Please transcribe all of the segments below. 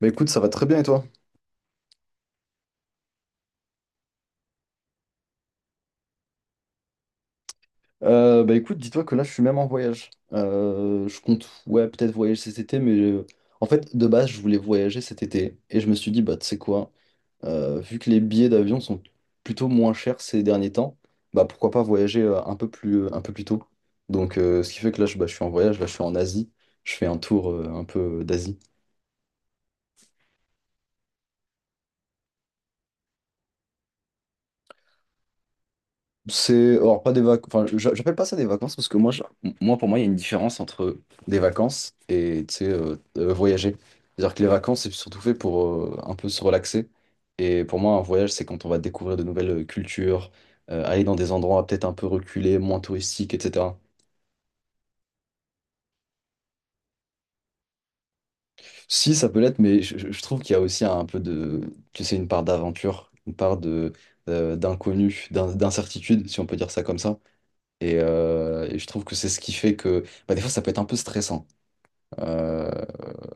Bah écoute, ça va très bien et toi? Bah écoute, dis-toi que là je suis même en voyage. Je compte, ouais, peut-être voyager cet été, mais en fait, de base, je voulais voyager cet été et je me suis dit, bah tu sais quoi, vu que les billets d'avion sont plutôt moins chers ces derniers temps, bah pourquoi pas voyager un peu plus tôt. Donc, ce qui fait que là, je suis en voyage, là je suis en Asie, je fais un tour un peu d'Asie. Alors pas des vacances, enfin j'appelle pas ça des vacances parce que moi, pour moi il y a une différence entre des vacances et tu sais, voyager. C'est-à-dire que les vacances c'est surtout fait pour un peu se relaxer et pour moi un voyage c'est quand on va découvrir de nouvelles cultures, aller dans des endroits peut-être un peu reculés, moins touristiques, etc. Si ça peut l'être, mais je trouve qu'il y a aussi un peu de, tu sais, une part d'aventure, une part de d'inconnu, d'incertitude si on peut dire ça comme ça. Et je trouve que c'est ce qui fait que bah, des fois ça peut être un peu stressant, euh,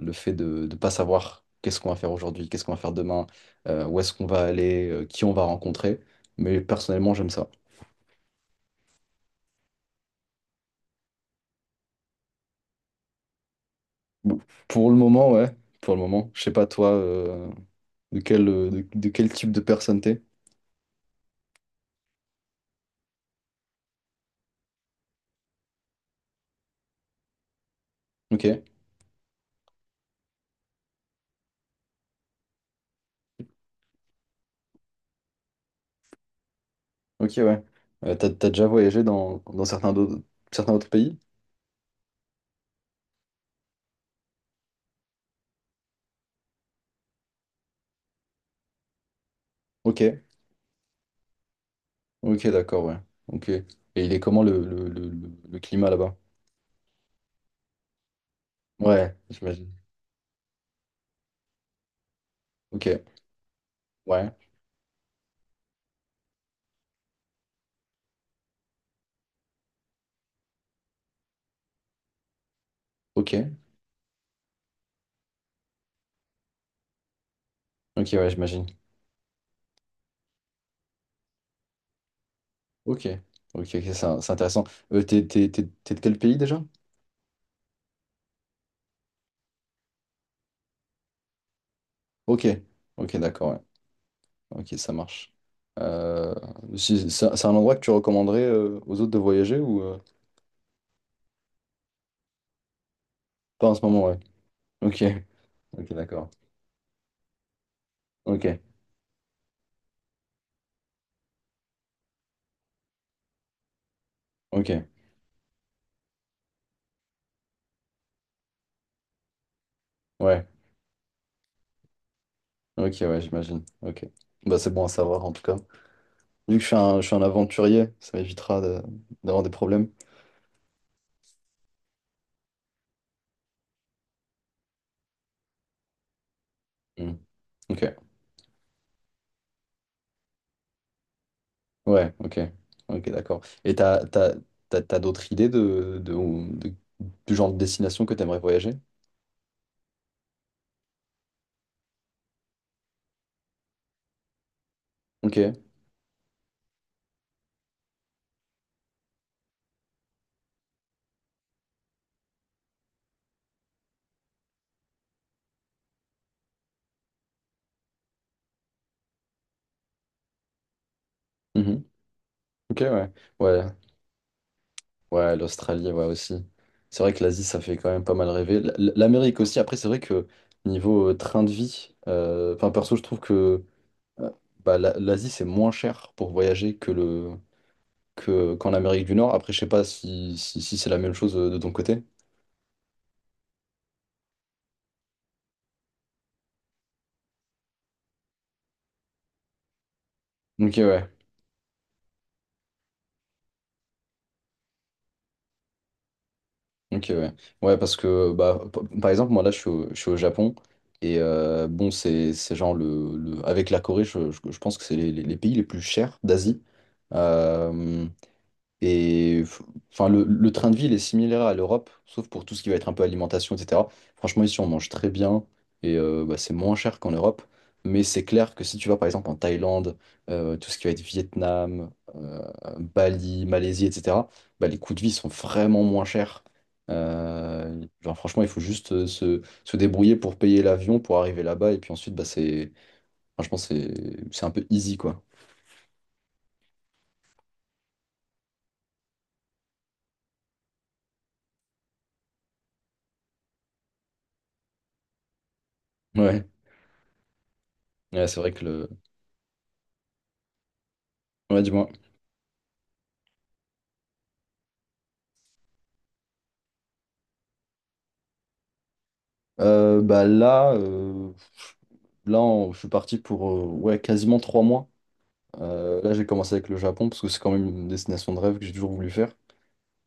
le fait de ne pas savoir qu'est-ce qu'on va faire aujourd'hui, qu'est-ce qu'on va faire demain, où est-ce qu'on va aller, qui on va rencontrer. Mais personnellement, j'aime ça. Bon, pour le moment, ouais, pour le moment. Je sais pas toi, de quel type de personne t'es. Ok, ok, ouais. T'as, déjà voyagé dans certains, certains autres pays? Ok, ok, d'accord, ouais. Ok. Et il est comment le climat là-bas? Ouais, j'imagine. Ok, ouais, ok, ok, ouais, j'imagine. Ok, ok, ok, c'est intéressant. T'es, t'es de quel pays déjà? Ok, ok, d'accord, ouais. Ok, ça marche. Euh, c'est un endroit que tu recommanderais, aux autres de voyager ou pas en ce moment, ouais. Ok, ok, d'accord. Ok, ok, ouais, ok, ouais, j'imagine. Ok, bah c'est bon à savoir en tout cas. Vu que je suis un aventurier, ça m'évitera d'avoir des problèmes. Hmm. Ok. Ouais, ok. Ok, d'accord. Et t'as d'autres idées de- du genre de destination que t'aimerais voyager? Ok. Mhm. Ok, ouais. Ouais, ouais, l'Australie, ouais, aussi. C'est vrai que l'Asie, ça fait quand même pas mal rêver. L'Amérique aussi, après, c'est vrai que niveau, train de vie, enfin, perso, je trouve que, euh, bah, l'Asie, c'est moins cher pour voyager qu'en Amérique du Nord. Après, je sais pas si c'est la même chose, de ton côté. Ok, ouais. Ok, ouais. Ouais, parce que, bah, par exemple, moi, là, je suis au Japon. Et bon, c'est genre avec la Corée, je pense que c'est les pays les plus chers d'Asie. Euh, et f- enfin, le train de vie, il est similaire à l'Europe, sauf pour tout ce qui va être un peu alimentation, etc. Franchement, ici, on mange très bien et, bah, c'est moins cher qu'en Europe. Mais c'est clair que si tu vas par exemple en Thaïlande, tout ce qui va être Vietnam, euh, Bali, Malaisie, etc., bah, les coûts de vie sont vraiment moins chers. Genre, franchement, il faut juste, se débrouiller pour payer l'avion, pour arriver là-bas. Et puis ensuite, bah, franchement, c'est un peu easy, quoi. Ouais, ouais, c'est vrai Ouais, dis-moi. Bah là, là je suis parti pour, ouais, quasiment 3 mois. Là, j'ai commencé avec le Japon parce que c'est quand même une destination de rêve que j'ai toujours voulu faire.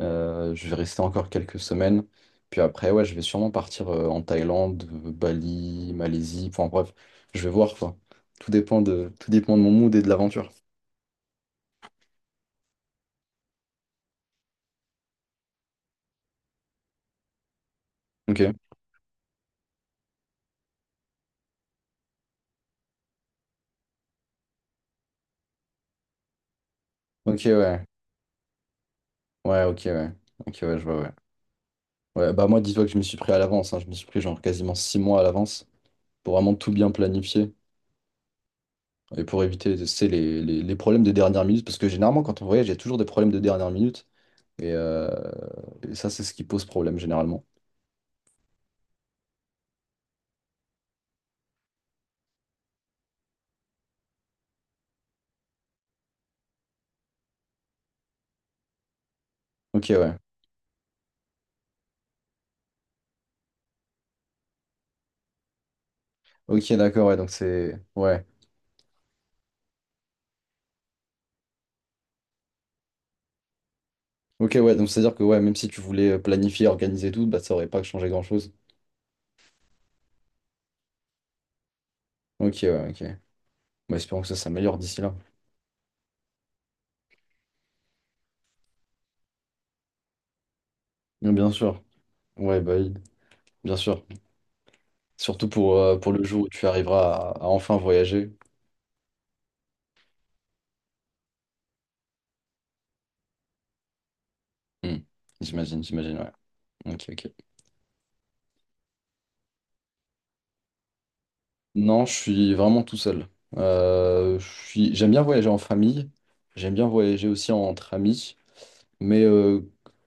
Je vais rester encore quelques semaines. Puis après, ouais, je vais sûrement partir, en Thaïlande, Bali, Malaisie. Enfin bref, je vais voir quoi. Tout dépend de mon mood et de l'aventure. Ok. Ok, ouais. Ouais, ok, ouais. Ok, ouais, je vois, ouais. Ouais, bah moi, dis-toi que je m'y suis pris à l'avance, hein. Je m'y suis pris genre quasiment 6 mois à l'avance pour vraiment tout bien planifier. Et pour éviter, c'est les problèmes de dernière minute, parce que généralement, quand on voyage, il y a toujours des problèmes de dernière minute. Et, euh, et ça, c'est ce qui pose problème, généralement. Ok, ouais. Ok, d'accord, ouais. Donc, c'est. Ouais. Ok, ouais. Donc, c'est-à-dire que, ouais, même si tu voulais, planifier, organiser tout, bah, ça aurait pas changé grand-chose. Ok, ouais, ok. Bah, espérons que ça s'améliore d'ici là. Mais bien sûr. Ouais, bah, oui, bien sûr. Surtout pour, pour le jour où tu arriveras à enfin voyager. Hmm. J'imagine, j'imagine, ouais. Ok, ok. Non, je suis vraiment tout seul. J'aime bien voyager en famille, j'aime bien voyager aussi entre amis, mais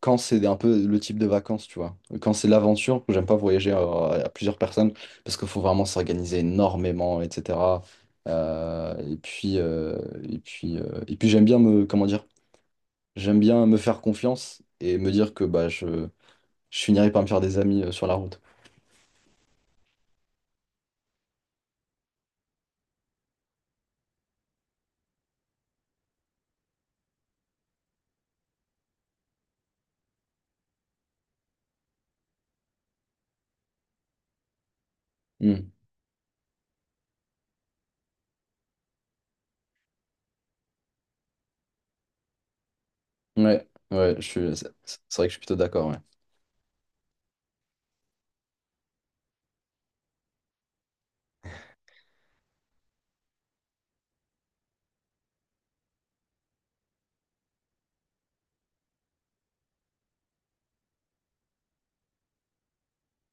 quand c'est un peu le type de vacances, tu vois. Quand c'est l'aventure, j'aime pas voyager à plusieurs personnes parce qu'il faut vraiment s'organiser énormément, etc. Euh, et puis, euh, et puis j'aime bien comment dire, j'aime bien me faire confiance et me dire que bah, je finirai par me faire des amis, sur la route. Hmm. Ouais, ouais, c'est vrai que je suis plutôt d'accord, ouais.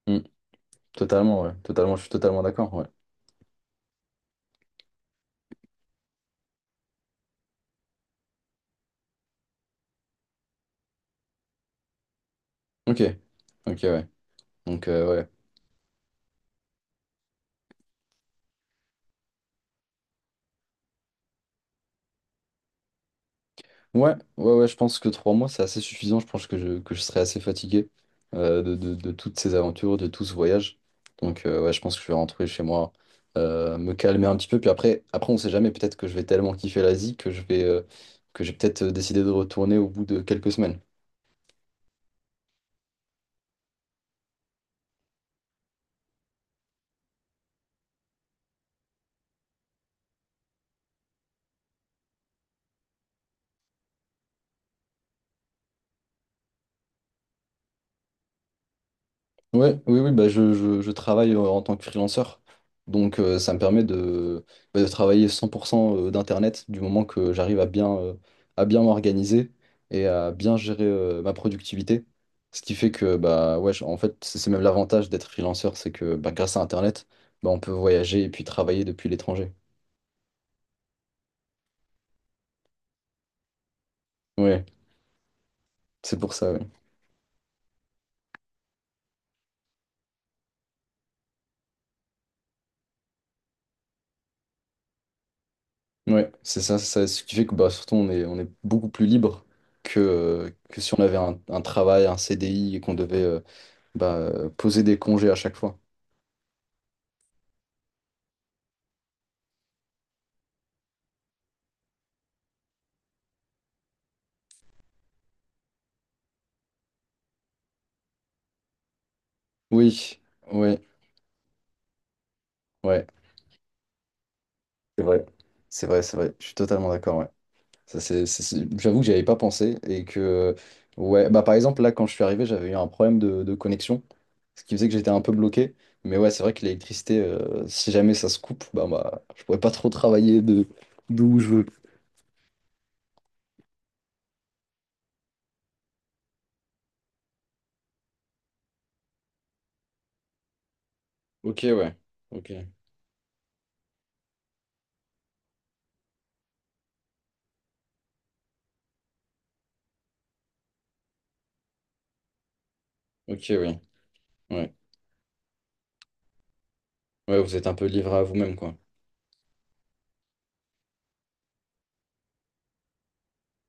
Mmh. Totalement, ouais. Totalement, je suis totalement d'accord, ouais. Ok. Ok, ouais. Donc, ouais. Ouais, ouais, ouais, je pense que 3 mois, c'est assez suffisant. Je pense que que je serai assez fatigué, de toutes ces aventures, de tout ce voyage. Donc, ouais, je pense que je vais rentrer chez moi, me calmer un petit peu. Puis après, après on sait jamais, peut-être que je vais tellement kiffer l'Asie que que j'ai peut-être, décidé de retourner au bout de quelques semaines. Ouais, oui, oui, bah je travaille, en tant que freelanceur. Donc, ça me permet de travailler 100%, d'Internet du moment que j'arrive à bien m'organiser et à bien gérer, ma productivité. Ce qui fait que, bah, ouais, en fait, c'est même l'avantage d'être freelanceur, c'est que bah, grâce à Internet, bah, on peut voyager et puis travailler depuis l'étranger. Ouais, c'est pour ça, ouais. Ouais, c'est ça, c'est ça. Ce qui fait que bah, surtout on est beaucoup plus libre que si on avait un travail, un CDI et qu'on devait, bah, poser des congés à chaque fois. Oui, oui, ouais, c'est vrai. C'est vrai, c'est vrai. Je suis totalement d'accord, ouais. Ça, c'est- J'avoue que j'y avais pas pensé et que, ouais, bah par exemple, là, quand je suis arrivé, j'avais eu un problème de connexion, ce qui faisait que j'étais un peu bloqué. Mais ouais, c'est vrai que l'électricité, si jamais ça se coupe, bah je pourrais pas trop travailler de d'où je veux. Ok, ouais. Ok, ok, oui. Ouais. Ouais, vous êtes un peu livré à vous-même, quoi.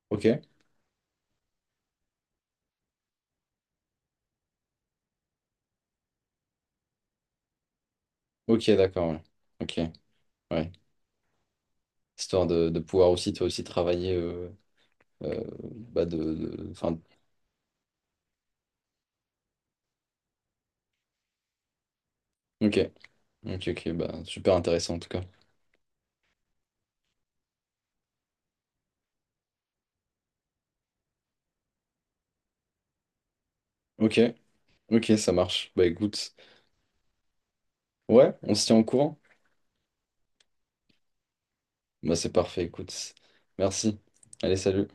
Ok, ok, d'accord, ouais. Ok, ouais. Histoire de pouvoir aussi toi aussi travailler, euh, bah enfin. Ok, ok, ok, bah super intéressant en tout cas. Ok, ok, ça marche, bah écoute. Ouais, on se tient au courant. Bah c'est parfait, écoute. Merci. Allez, salut.